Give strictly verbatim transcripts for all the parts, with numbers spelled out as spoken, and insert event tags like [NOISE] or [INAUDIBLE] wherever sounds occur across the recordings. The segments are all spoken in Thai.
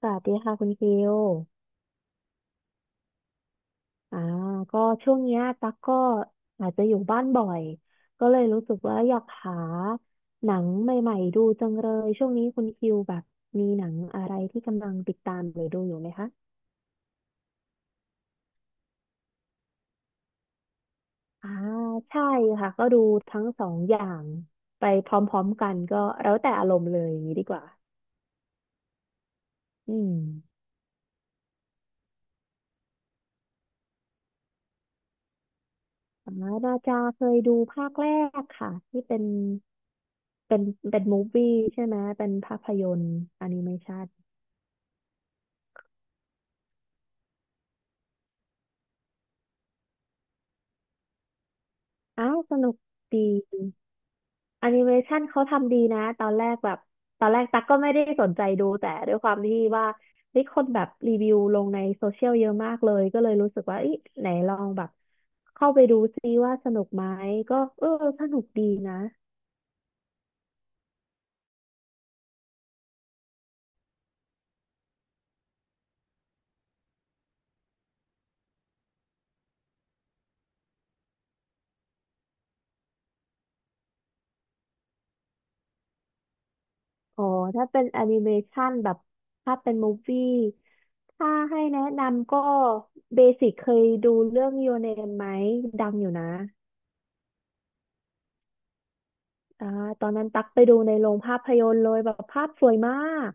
สวัสดีค่ะคุณฟิลอ่าก็ช่วงเนี้ยตั๊กก็อาจจะอยู่บ้านบ่อยก็เลยรู้สึกว่าอยากหาหนังใหม่ๆดูจังเลยช่วงนี้คุณฟิลแบบมีหนังอะไรที่กำลังติดตามหรือดูอยู่ไหมคะอ่าใช่ค่ะก็ดูทั้งสองอย่างไปพร้อมๆกันก็แล้วแต่อารมณ์เลยอย่างนี้ดีกว่าอืมอ่านาจาเคยดูภาคแรกค่ะที่เป็นเป็นเป็นมูฟวี่ใช่ไหมเป็นภาพยนตร์แอนิเมชัน อ้าวสนุกดีแอนิเมชันเขาทำดีนะตอนแรกแบบตอนแรกตั๊กก็ไม่ได้สนใจดูแต่ด้วยความที่ว่ามีคนแบบรีวิวลงในโซเชียลเยอะมากเลยก็เลยรู้สึกว่าอีไหนลองแบบเข้าไปดูซิว่าสนุกไหมก็เออสนุกดีนะอ๋อถ้าเป็นแอนิเมชันแบบถ้าเป็นมูฟวี่ถ้าให้แนะนำก็เบสิกเคยดูเรื่อง Your Name ไหมดังอยู่นะ อ่าตอนนั้นตักไปดูในโรงภาพยนตร์เลยแบบภาพสวยมาก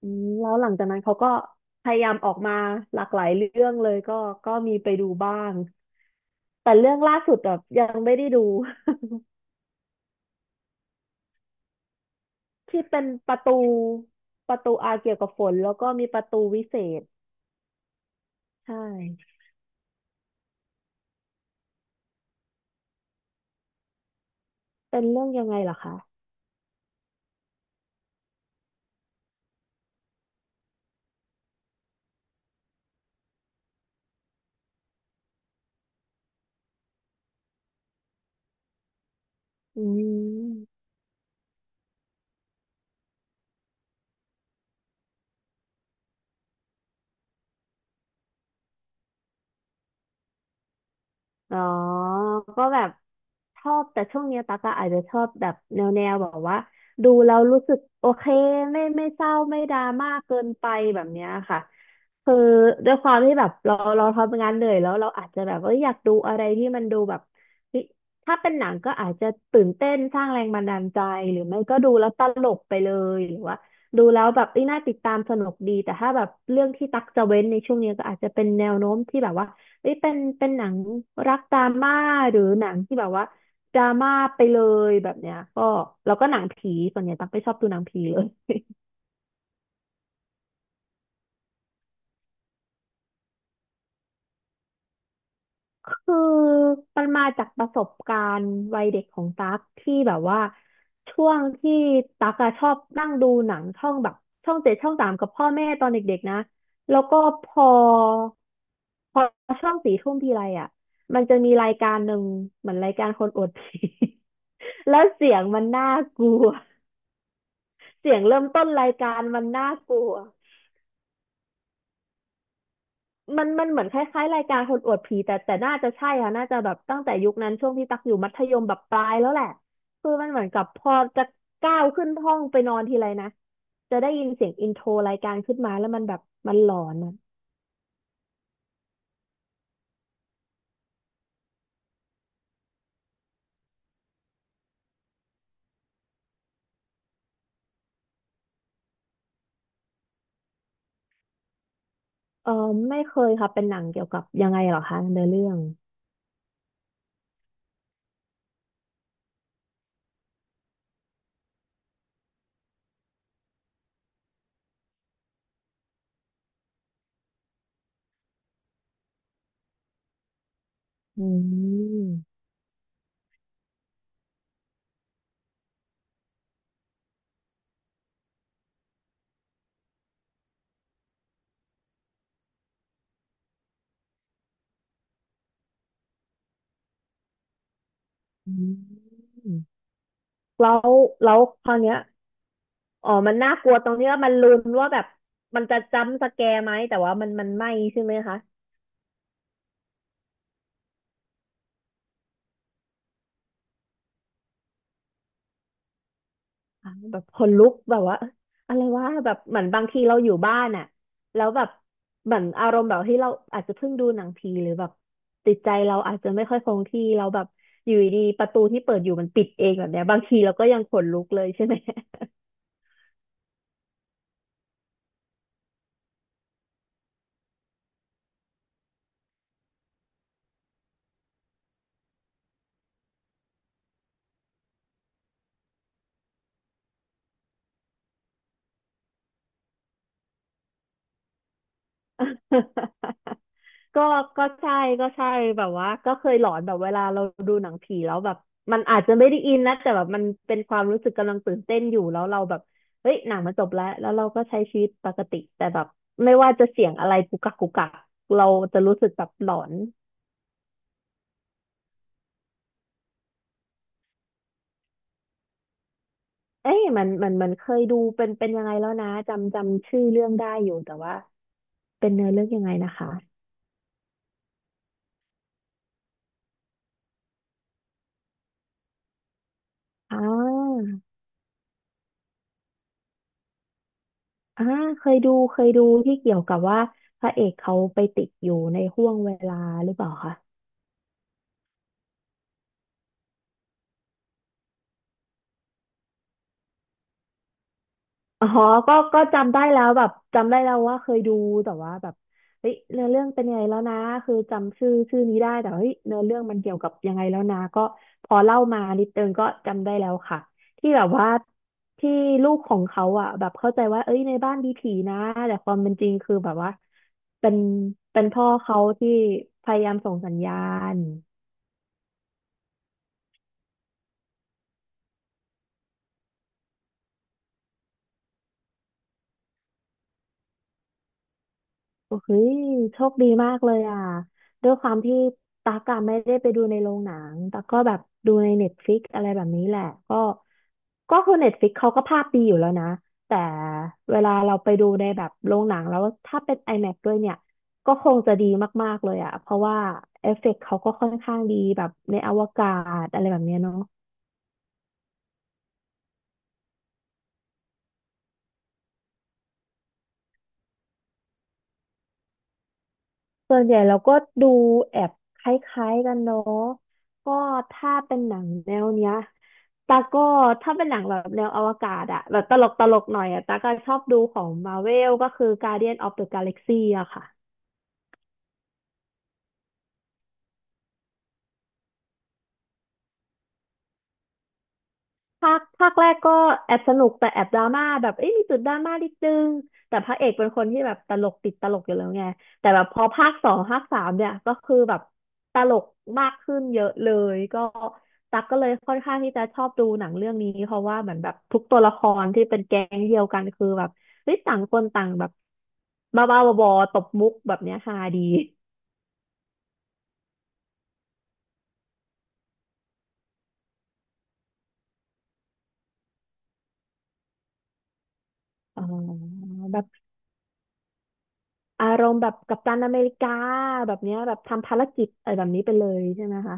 อืมแล้วหลังจากนั้นเขาก็พยายามออกมาหลากหลายเรื่องเลยก็ก็มีไปดูบ้างแต่เรื่องล่าสุดแบบยังไม่ได้ดู [LAUGHS] ที่เป็นประตูประตูอาเกี่ยวกับฝนแล้วก็มีประตูวิเศษใช่เป็นเรื่องยังไงเหรอคะอืม อ๋อก็แบบชอบแต่ช่วงเนี้ยตั๊กอะอาจจะชอบแบบแนวแนวแบบว่าดูแล้วรู้สึกโอเคไม่ไม่เศร้าไม่ดราม่าเกินไปแบบเนี้ยค่ะคือด้วยความที่แบบเราเราทำงานเหนื่อยแล้วเราอาจจะแบบว่าอยากดูอะไรที่มันดูแบบเฮ้ยถ้าเป็นหนังก็อาจจะตื่นเต้นสร้างแรงบันดาลใจหรือไม่ก็ดูแล้วตลกไปเลยหรือว่าดูแล้วแบบเอ้ยน่าติดตามสนุกดีแต่ถ้าแบบเรื่องที่ตักจะเว้นในช่วงเนี้ยก็อาจจะเป็นแนวโน้มที่แบบว่า เอ้ยเป็นเป็นหนังรักดราม่าหรือหนังที่แบบว่าดราม่าไปเลยแบบเนี้ยก็แล้วก็หนังผีส่วนใหญ่ตั๊กไม่ชอบดูหนังผีเลยคือมันมาจากประสบการณ์วัยเด็กของตั๊กที่แบบว่าช่วงที่ตั๊กอะชอบนั่งดูหนังช่องแบบช่องเจ็ดช่องสามกับพ่อแม่ตอนเด็กๆนะแล้วก็พอพอช่องสี่ทุ่มทีไรอ่ะมันจะมีรายการหนึ่งเหมือนรายการคนอวดผี [LAUGHS] แล้วเสียงมันน่ากลัว เสียงเริ่มต้นรายการมันน่ากลัวมันมันเหมือนคล้ายๆรายการคนอวดผีแต่แต่น่าจะใช่ค่ะน่าจะแบบตั้งแต่ยุคนั้นช่วงที่ตักอยู่มัธยมแบบปลายแล้วแหละคือมันเหมือนกับพอจะก้าวขึ้นห้องไปนอนทีไรนะจะได้ยินเสียงอินโทรรายการขึ้นมาแล้วมันแบบมันหลอนอะเออไม่เคยค่ะเป็นหนังเกี่ยวกับยังไงเหรอคะในอเรื่องอืมอืมแล้วแล้วคราวเนี้ย อ๋อมันน่ากลัวตรงที่ว่ามันลุ้นว่าแบบมันจะจัมป์สแกร์ไหมแต่ว่ามันมันไม่ใช่ไหมคะอ่าแบบขนลุกแบบว่าเอ๊ะอะไรวะแบบเหมือนบางทีเราอยู่บ้านอ่ะแล้วแบบเหมือนอารมณ์แบบที่เราอาจจะเพิ่งดูหนังผีหรือแบบติดใจเราอาจจะไม่ค่อยคงที่เราแบบอยู่ดีๆประตูที่เปิดอยู่มันปิดเองแบบเนี้ยบางทีเราก็ยังขนลุกเลยใช่ไหม [LAUGHS] ก็ก็ใช่ก็ใช่แบบว่าก็เคยหลอนแบบเวลาเราดูหนังผีแล้วแบบมันอาจจะไม่ได้อินนะแต่แบบมันเป็นความรู้สึกกำลังตื่นเต้นอยู่แล้วเราแบบเฮ้ยหนังมันจบแล้วแล้วเราก็ใช้ชีวิตปกติแต่แบบไม่ว่าจะเสียงอะไรกุกกักกุกกักเราจะรู้สึกแบบหลอนเอ้ยมันมันมันเคยดูเป็นเป็นยังไงแล้วนะจำจำชื่อเรื่องได้อยู่แต่ว่าเป็นเนื้อเรื่องยังไงนะคะอ่าอ่าเคยดูเคยดูที่เกี่ยวกับว่าพระเอกเขาไปติดอยู่ในห้วงเวลาหรือเปล่าคะ อ๋อก็ก็จำได้แล้วแบบจำได้แล้วว่าเคยดูแต่ว่าแบบเฮ้ยเนื้อเรื่องเป็นยังไงแล้วนะคือจำชื่อชื่อนี้ได้แต่เฮ้ยเนื้อเรื่องมันเกี่ยวกับยังไงแล้วนะก็พอเล่ามานิดนึงก็จำได้แล้วค่ะที่แบบว่าที่ลูกของเขาอ่ะแบบเข้าใจว่าเอ้ยในบ้านมีผีนะแต่ความเป็นจริงคือแบบว่าเป็นเป็นพ่อเขาที่พยายามส่งสัญญาณ โอ้ยโชคดีมากเลยอ่ะด้วยความที่ตักอะไม่ได้ไปดูในโรงหนังตักก็แบบดูในเน็ตฟลิกอะไรแบบนี้แหละก็ก็คือเน็ตฟลิกเขาก็ภาพดีอยู่แล้วนะแต่เวลาเราไปดูในแบบโรงหนังแล้วถ้าเป็น ไอแม็กซ์ ด้วยเนี่ยก็คงจะดีมากๆเลยอ่ะเพราะว่าเอฟเฟกต์เขาก็ค่อนข้างดีแบบในอวกาศอะไรแบบเนี้ยเนาะ ส่วนใหญ่เราก็ดูแอบคล้ายๆกันเนาะก็ถ้าเป็นหนังแนวเนี้ยตาก็ถ้าเป็นหนังแบบแนวอวกาศอะแบบตลกตลกหน่อยอะตาก็ชอบดูของมาเวลก็คือ Guardian of the Galaxy อะค่ะ ภาคภาคแรกก็แอบสนุกแต่แอบดราม่าแบบเอ้ยมีจุดดราม่านิดนึงแต่พระเอกเป็นคนที่แบบตลกติดตลกอยู่แล้วไงแต่แบบพอภาคสองภาคสามเนี่ยก็คือแบบตลกมากขึ้นเยอะเลยก็ตักก็เลยค่อนข้างที่จะชอบดูหนังเรื่องนี้เพราะว่าเหมือนแบบทุกตัวละครที่เป็นแก๊งเดียวกันคือแบบเฮ้ยต่างคนต่างแบบบ้าบ้าบอๆตบมุกแบบเนี้ยฮาดีอ๋อแบบอารมณ์แบบกัปตันอเมริกาแบบเนี้ยแบบทำภารกิจอะไรแบบนี้ไปเลยใช่ไหมคะ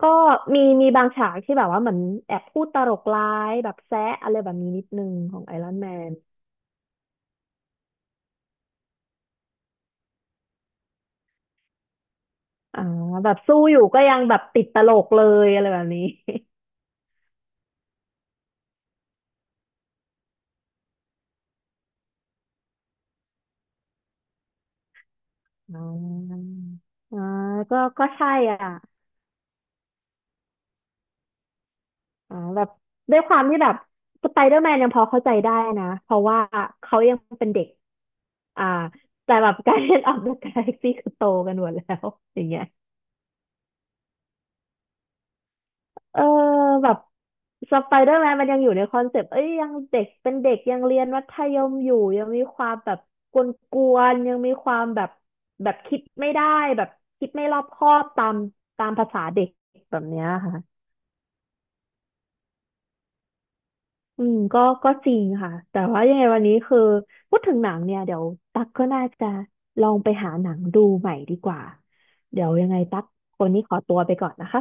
ก็มีมีบางฉากที่แบบว่าเหมือนแอบพูดตลกร้ายแบบแซะอะไรแบบนี้นิดนึงของไอรอนแมนอ่าแบบสู้อยู่ก็ยังแบบติดตลกเลยอะไรแบบนี้ [LAUGHS] อ่าอ่าก็ก็ใช่อ่ะอ่าแบบด้วยความที่แบบสไปเดอร์แมนยังพอเข้าใจได้นะเพราะว่าเขายังเป็นเด็กอ่าแต่แบบการเล่นออกเดอะกาแล็กซี่คือโตกันหมดแล้วอย่างเงี้ย เออแบบสไปเดอร์แมนมันยังอยู่ในคอนเซปต์เอ้ยยังเด็กเป็นเด็กยังเรียนมัธยมอยู่ยังมีความแบบกวนๆยังมีความแบบแบบคิดไม่ได้แบบคิดไม่รอบคอบตามตามภาษาเด็กแบบเนี้ยค่ะอืมก็ก็จริงค่ะแต่ว่ายังไงวันนี้คือพูดถึงหนังเนี่ยเดี๋ยวตั๊กก็น่าจะลองไปหาหนังดูใหม่ดีกว่าเดี๋ยวยังไงตั๊กคนนี้ขอตัวไปก่อนนะคะ